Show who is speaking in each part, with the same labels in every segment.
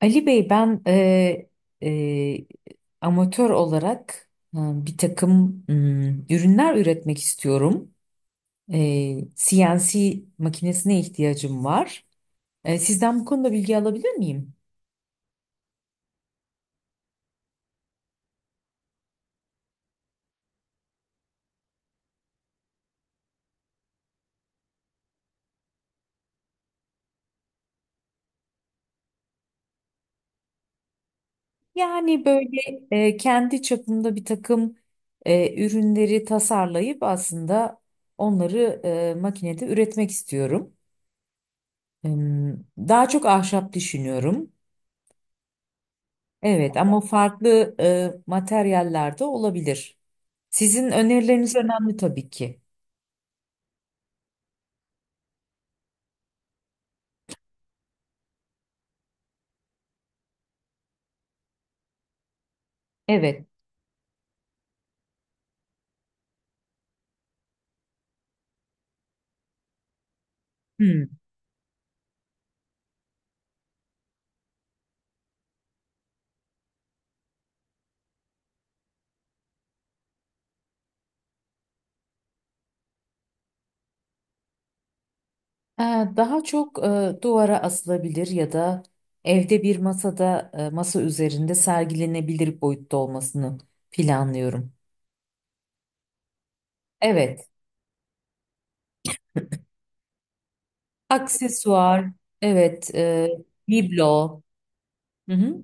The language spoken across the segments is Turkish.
Speaker 1: Ali Bey, ben e, amatör olarak, bir takım ürünler üretmek istiyorum. CNC makinesine ihtiyacım var. Sizden bu konuda bilgi alabilir miyim? Yani böyle, kendi çapımda bir takım ürünleri tasarlayıp aslında onları makinede üretmek istiyorum. Daha çok ahşap düşünüyorum. Evet, ama farklı materyaller olabilir. Sizin önerileriniz önemli tabii ki. Evet. Hmm. Ha, daha çok duvara asılabilir ya da evde bir masada, masa üzerinde sergilenebilir boyutta olmasını planlıyorum. Evet. Aksesuar. Evet. Biblo. Hı hı.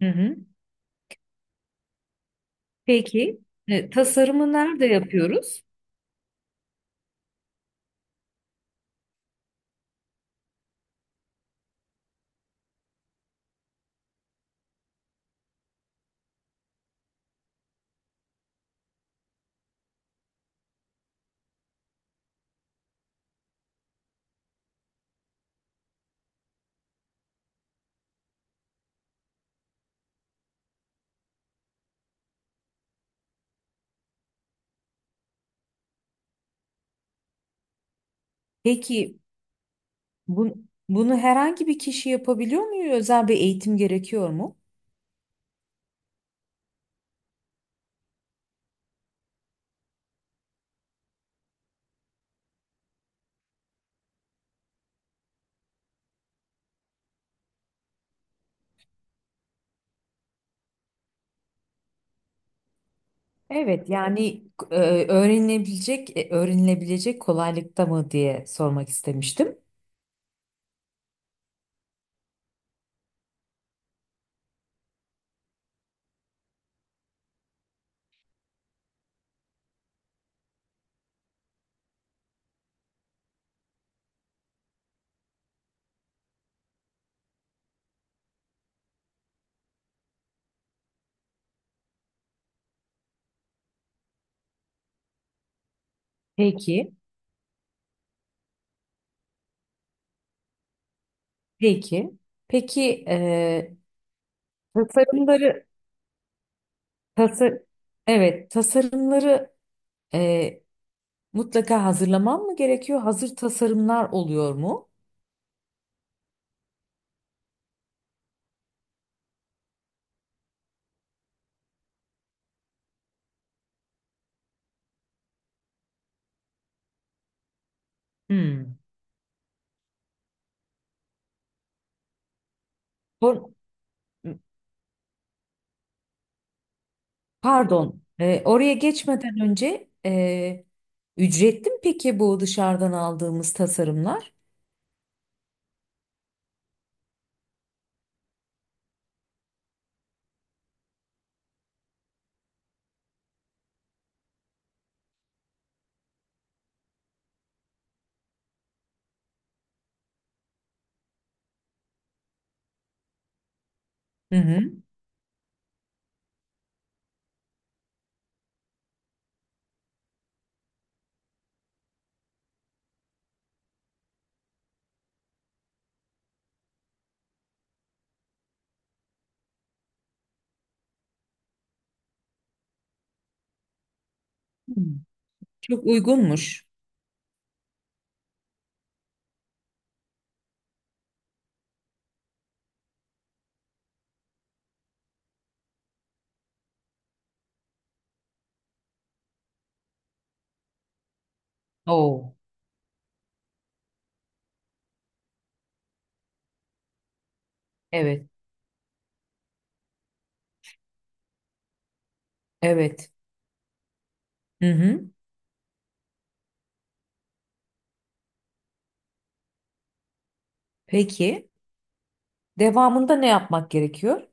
Speaker 1: Hı hı. Peki, tasarımı nerede yapıyoruz? Peki bu, bunu herhangi bir kişi yapabiliyor mu? Özel bir eğitim gerekiyor mu? Evet, yani öğrenilebilecek kolaylıkta mı diye sormak istemiştim. Peki, peki. Peki, tasarımları tasar evet tasarımları e, mutlaka hazırlamam mı gerekiyor? Hazır tasarımlar oluyor mu? Hmm. Sor- Pardon, oraya geçmeden önce ücretli mi peki bu dışarıdan aldığımız tasarımlar? Hı hı. Hı. Çok uygunmuş. Oo, evet, evet. Hı hı. Peki, devamında ne yapmak gerekiyor?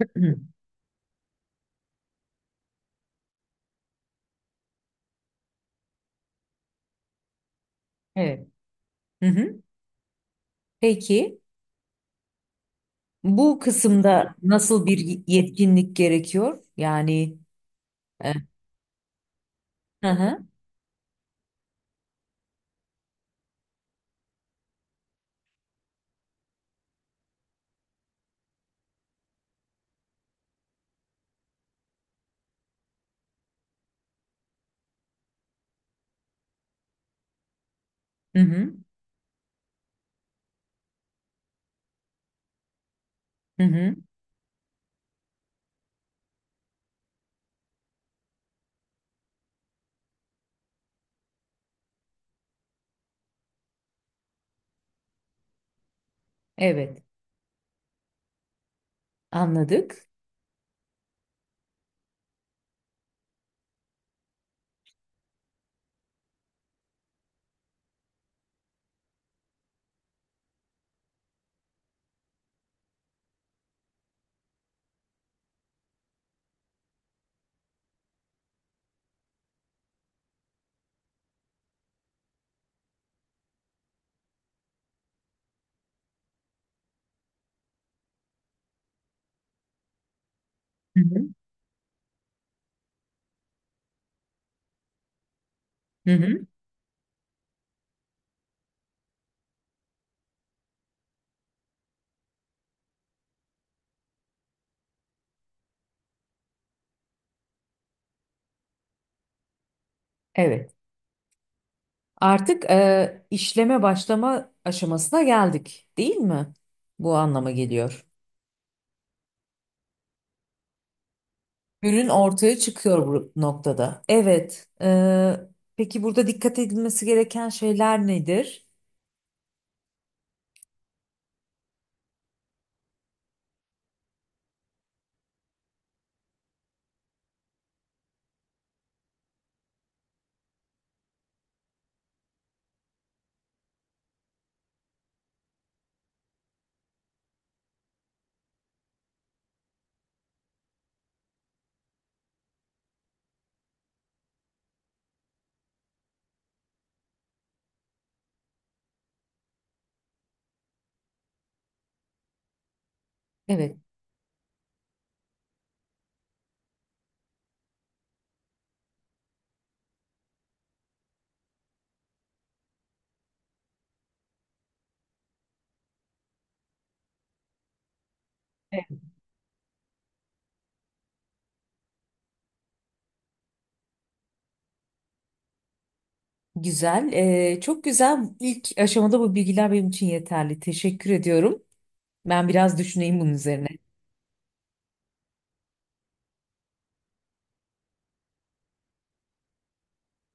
Speaker 1: Hı. Evet. Hı hı. Peki, bu kısımda nasıl bir yetkinlik gerekiyor? Yani E, hı hı. Hı hı. Hı hı. Evet. Anladık. Hı hı. Hı hı. Evet. Artık işleme başlama aşamasına geldik, değil mi? Bu anlama geliyor. Ürün ortaya çıkıyor bu noktada. Evet. Peki, burada dikkat edilmesi gereken şeyler nedir? Evet. Evet. Güzel. Çok güzel. İlk aşamada bu bilgiler benim için yeterli. Teşekkür ediyorum. Ben biraz düşüneyim bunun üzerine.